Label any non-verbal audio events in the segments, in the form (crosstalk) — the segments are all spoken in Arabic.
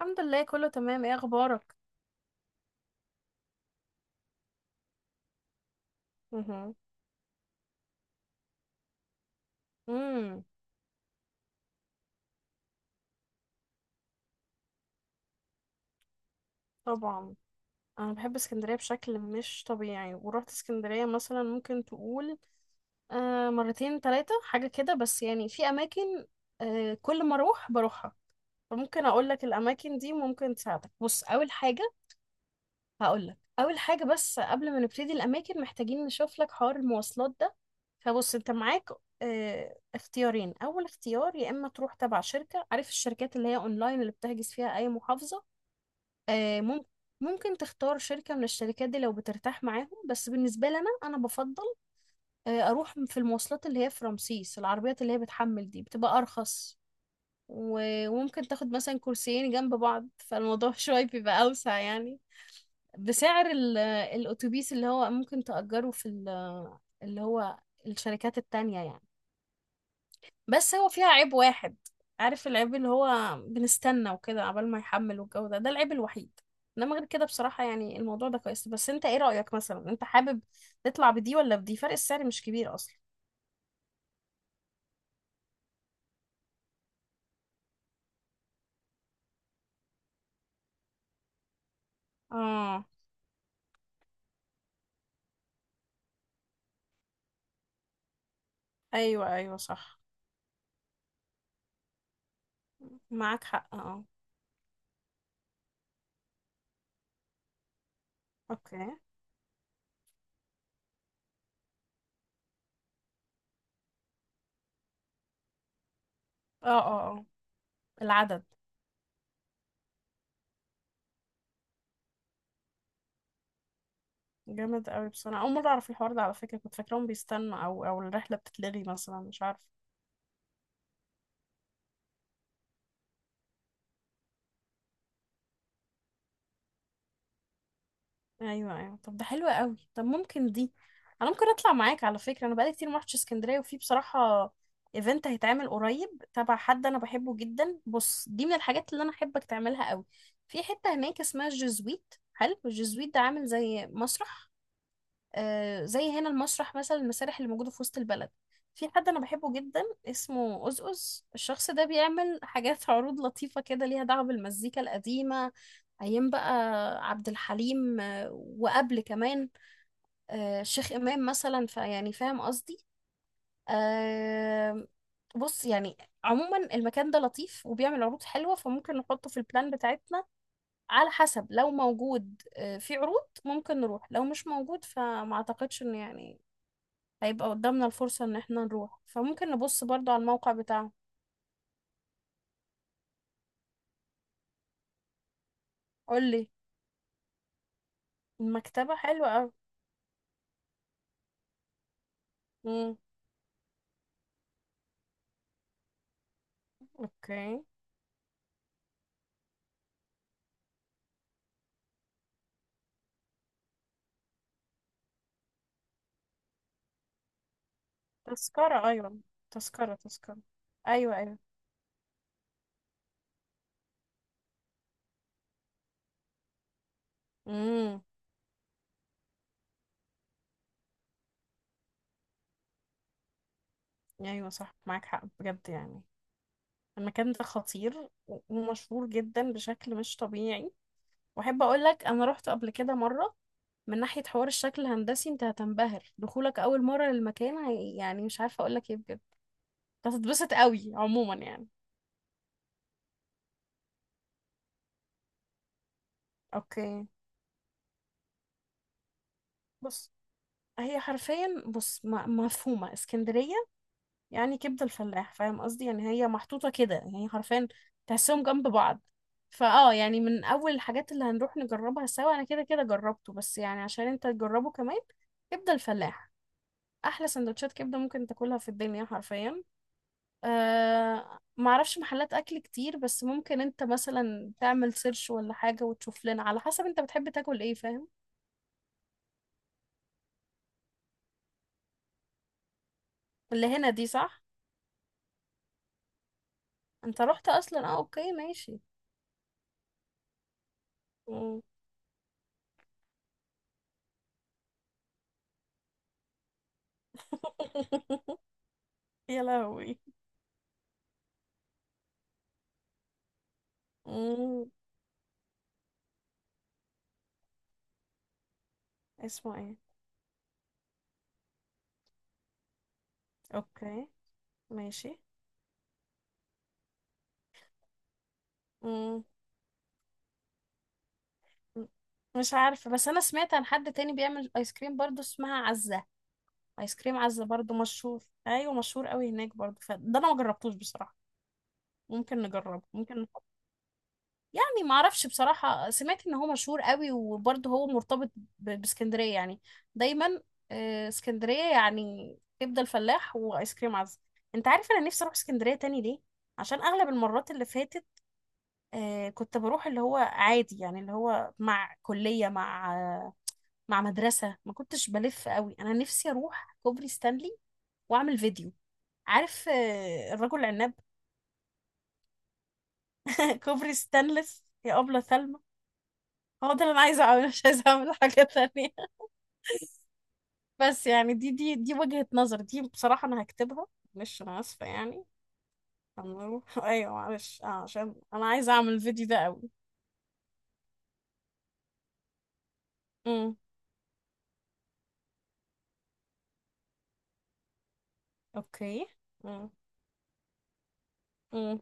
الحمد لله كله تمام. ايه اخبارك؟ مهم. امم طبعا انا بحب اسكندريه بشكل مش طبيعي، ورحت اسكندريه مثلا ممكن تقول مرتين ثلاثه حاجه كده، بس يعني في اماكن كل ما اروح بروحها. فممكن اقول لك الاماكن دي ممكن تساعدك. بص، اول حاجه هقول لك اول حاجه، بس قبل ما نبتدي الاماكن محتاجين نشوف لك حوار المواصلات ده. فبص، انت معاك اختيارين. اول اختيار يا اما تروح تبع شركه، عارف الشركات اللي هي اونلاين اللي بتحجز فيها اي محافظه؟ آه، مم- ممكن تختار شركه من الشركات دي لو بترتاح معاهم. بس بالنسبه لنا انا بفضل اروح في المواصلات اللي هي في رمسيس، العربيات اللي هي بتحمل دي بتبقى ارخص. و- وممكن تاخد مثلا كرسيين جنب بعض، فالموضوع (laughs) شويه بيبقى اوسع يعني، بسعر الأتوبيس اللي هو ممكن تأجره في ال- اللي هو الشركات التانية يعني. بس هو فيها عيب واحد، عارف العيب اللي هو بنستنى وكده عبال ما يحمل والجو ده، ده العيب الوحيد. انما غير كده بصراحة يعني الموضوع ده كويس. بس انت ايه رأيك مثلا، انت حابب تطلع بدي ولا بدي؟ فرق السعر مش كبير اصلا. اه. ايوه، ايوه صح، معاك حق. اه، اوكي. اه اه اه. العدد جامد قوي بصراحة. أول مرة أعرف الحوار ده على فكرة، كنت فاكراهم بيستنوا أو الرحلة بتتلغي مثلا، مش عارفة. أيوة أيوة، طب ده حلو قوي. طب ممكن دي، أنا ممكن أطلع معاك على فكرة. أنا بقالي كتير ما رحتش اسكندرية، وفي بصراحة ايفنت هيتعمل قريب تبع حد أنا بحبه جدا. بص دي من الحاجات اللي أنا أحبك تعملها قوي. في حتة هناك اسمها الجزويت، حلو. الجزويت ده عامل زي مسرح، زي هنا المسرح مثلا، المسارح اللي موجودة في وسط البلد. في حد أنا بحبه جدا اسمه أزأز. الشخص ده بيعمل حاجات (laughs) عروض لطيفة كده، ليها دعوة بالمزيكا القديمة. أيام بقى عبد الحليم، وقبل كمان الشيخ إمام مثلا. فيعني فاهم قصدي. آه، بص يعني عموما المكان ده لطيف وبيعمل عروض حلوة، فممكن نحطه في البلان بتاعتنا. على حسب، لو موجود في عروض ممكن نروح، لو مش موجود فما أعتقدش إنه يعني هيبقى قدامنا الفرصة ان احنا نروح. فممكن نبص برضو على الموقع بتاعهم. قولي. المكتبة حلوة اوي. امم. اوكي. تذكرة، ايوه. تذكرة تذكرة. ايوه ايوه. امم. ايوه صح، معاك حق بجد يعني. المكان ده خطير و- ومشهور جدا بشكل مش طبيعي. واحب اقول لك انا رحت قبل كده مرة. من ناحية حوار الشكل الهندسي انت هتنبهر، دخولك اول مرة للمكان يعني مش عارفة اقول لك ايه بجد. هتتبسط قوي عموما يعني. اوكي. بص، هي حرفيا بص مفهومة اسكندرية. يعني كبدة الفلاح، فاهم قصدي؟ يعني هي محطوطة كده يعني حرفيا تحسهم جنب بعض. فاه يعني من أول الحاجات اللي هنروح نجربها سوا. أنا كده كده جربته، بس يعني عشان انت تجربه كمان، كبدة الفلاح. أحلى سندوتشات كبدة ممكن تاكلها في الدنيا حرفيا. أه، معرفش محلات أكل كتير، بس ممكن انت مثلا تعمل سيرش ولا حاجة وتشوف لنا على حسب انت بتحب تاكل ايه، فاهم؟ اللي هنا دي صح؟ انت رحت أصلا، اه اوكي ماشي. (laughs) يا لهوي. مم. اسمه ايه؟ اوكي ماشي. مم. مش عارفة، بس انا سمعت عن حد تاني بيعمل ايس كريم برضو اسمها عزة. ايس كريم عزة برضو مشهور، ايوه مشهور قوي هناك برضو، فده انا ما جربتوش بصراحة. ممكن نجربه، ممكن. يعني ما اعرفش بصراحة، سمعت ان هو مشهور قوي، وبرضه هو مرتبط ب- باسكندرية يعني دايما. اسكندرية يعني كبدة الفلاح وايس كريم عزة. انت عارف انا نفسي اروح اسكندرية تاني ليه؟ عشان اغلب المرات اللي فاتت كنت بروح اللي هو عادي يعني، اللي هو مع كلية مع مع مدرسة، ما كنتش بلف قوي. انا نفسي اروح كوبري ستانلي واعمل فيديو، عارف الرجل العناب. (laughs) كوبري ستانلس يا أبلة ثلمى. هو ده اللي انا عايزه اعمله، مش عايزه اعمل حاجه تانية. بس يعني دي وجهة نظر، دي بصراحة أنا هكتبها. معلش، أنا آسفة يعني. هنروح (laughs) أيوة معلش، عشان أنا عايزة أعمل الفيديو ده أوي. أمم. أوكي. أمم. أمم.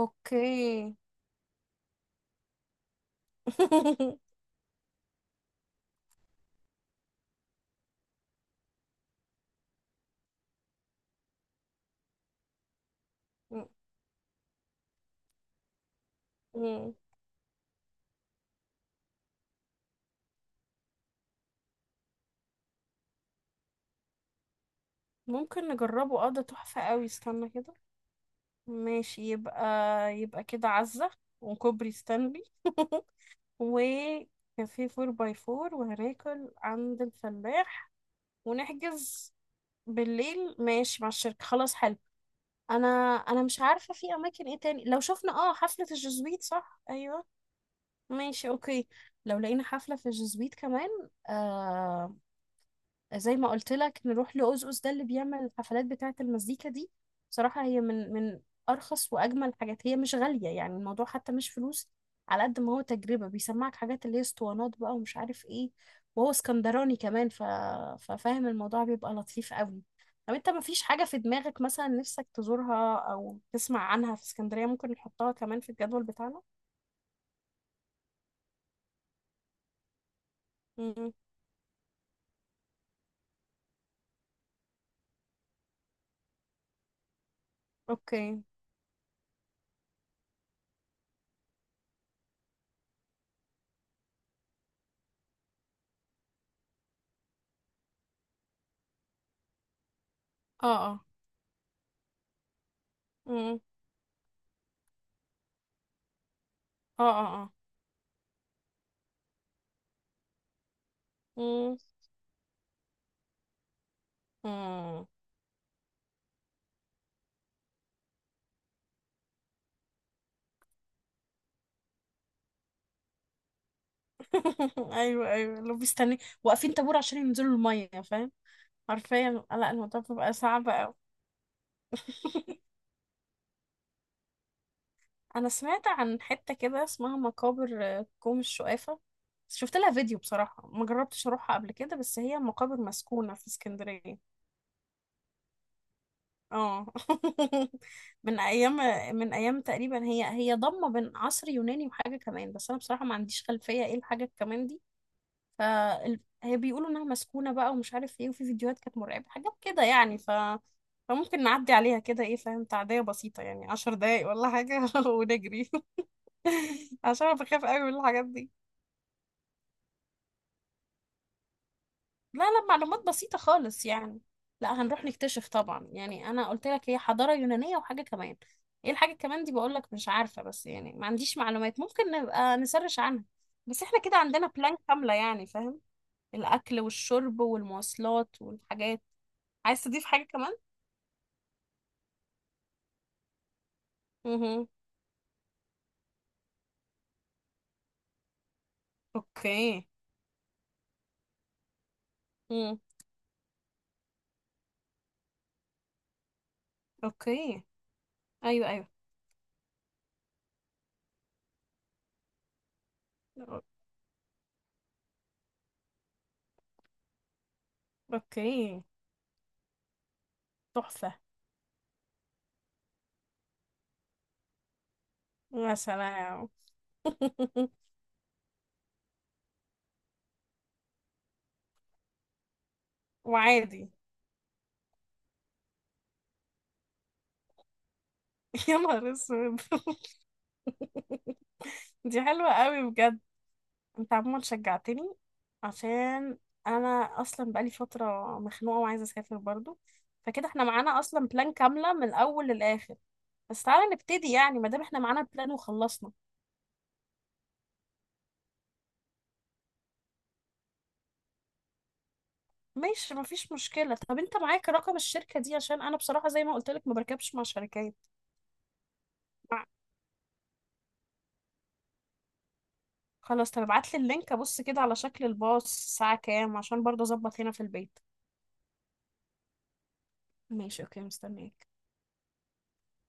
أوكي. (laughs) أمم. أمم. ممكن نجربه، اه ده تحفة أوي. استنى كده، ماشي. يبقى يبقى كده عزة وكوبري ستانلي (laughs) وكافيه فور باي فور، وهناكل عند الفلاح، ونحجز بالليل ماشي مع الشركة. خلاص حلو. انا انا مش عارفه في اماكن ايه تاني. لو شفنا اه حفله الجزويت، صح، ايوه ماشي اوكي. لو لقينا حفله في الجزويت كمان، آم، زي ما قلت لك نروح لأوزوس ده اللي بيعمل الحفلات بتاعة المزيكا دي. بصراحة هي من أرخص وأجمل حاجات. هي مش غالية يعني، الموضوع حتى مش فلوس على قد ما هو تجربة. بيسمعك حاجات اللي هي اسطوانات بقى ومش عارف ايه، وهو اسكندراني كمان ف... ففاهم الموضوع، بيبقى لطيف قوي. طب انت مفيش حاجة في دماغك مثلا نفسك تزورها أو تسمع عنها في اسكندرية ممكن نحطها كمان في الجدول بتاعنا؟ مم. اوكي. اه اه. مم. اه اه اه. مم. مم. (laughs) ايوه ايوه، لو بيستني واقفين طابور عشان ينزلوا الميه، فاهم؟ حرفيا لا، الموضوع بيبقى صعب قوي. (laughs) انا سمعت عن حته كده اسمها مقابر كوم الشقافه. شفت لها فيديو بصراحه، ما جربتش اروحها قبل كده، بس هي مقابر مسكونه في اسكندريه. اه. (laughs) من ايام، من ايام تقريبا. هي ضمه بين عصر يوناني وحاجه كمان، بس انا بصراحه ما عنديش خلفيه ايه الحاجه كمان دي. ف هي بيقولوا انها مسكونه بقى ومش عارف ايه، وفي فيديوهات كانت مرعبه، حاجات كده يعني. ف فممكن نعدي عليها كده ايه، فاهم؟ تعديه بسيطه يعني 10 دقايق ولا حاجه (laughs) ونجري. (laughs) عشان انا بخاف قوي من الحاجات دي. لا لا، معلومات بسيطه خالص يعني. لا هنروح نكتشف طبعا. يعني انا قلت لك هي حضاره يونانيه وحاجه كمان، ايه الحاجه كمان دي بقول لك مش عارفه. بس يعني ما عنديش معلومات، ممكن نبقى نسرش عنها. بس احنا كده عندنا بلان كامله يعني، فاهم؟ الاكل والشرب والمواصلات والحاجات. عايز تضيف حاجة كمان؟ مهم. اوكي. مم. اوكي. ايوه ايوه. اوكي. تحفة. يا سلام. (laughs) وعادي. (laughs) يا نهار اسود. (laughs) دي حلوة قوي بجد. انت عموما شجعتني، عشان انا اصلا بقالي فترة مخنوقة وعايزة اسافر برضو. فكده احنا معانا اصلا بلان كاملة من الاول للاخر. بس تعالى نبتدي يعني، ما دام احنا معانا بلان وخلصنا. ماشي مفيش مشكلة. طب انت معاك رقم الشركة دي؟ عشان انا بصراحة زي ما قلت لك ما بركبش مع شركات. مع- خلاص، طب ابعت لي اللينك ابص كده على شكل الباص، الساعة كام، عشان برضه اظبط هنا في البيت. ماشي اوكي، مستنيك.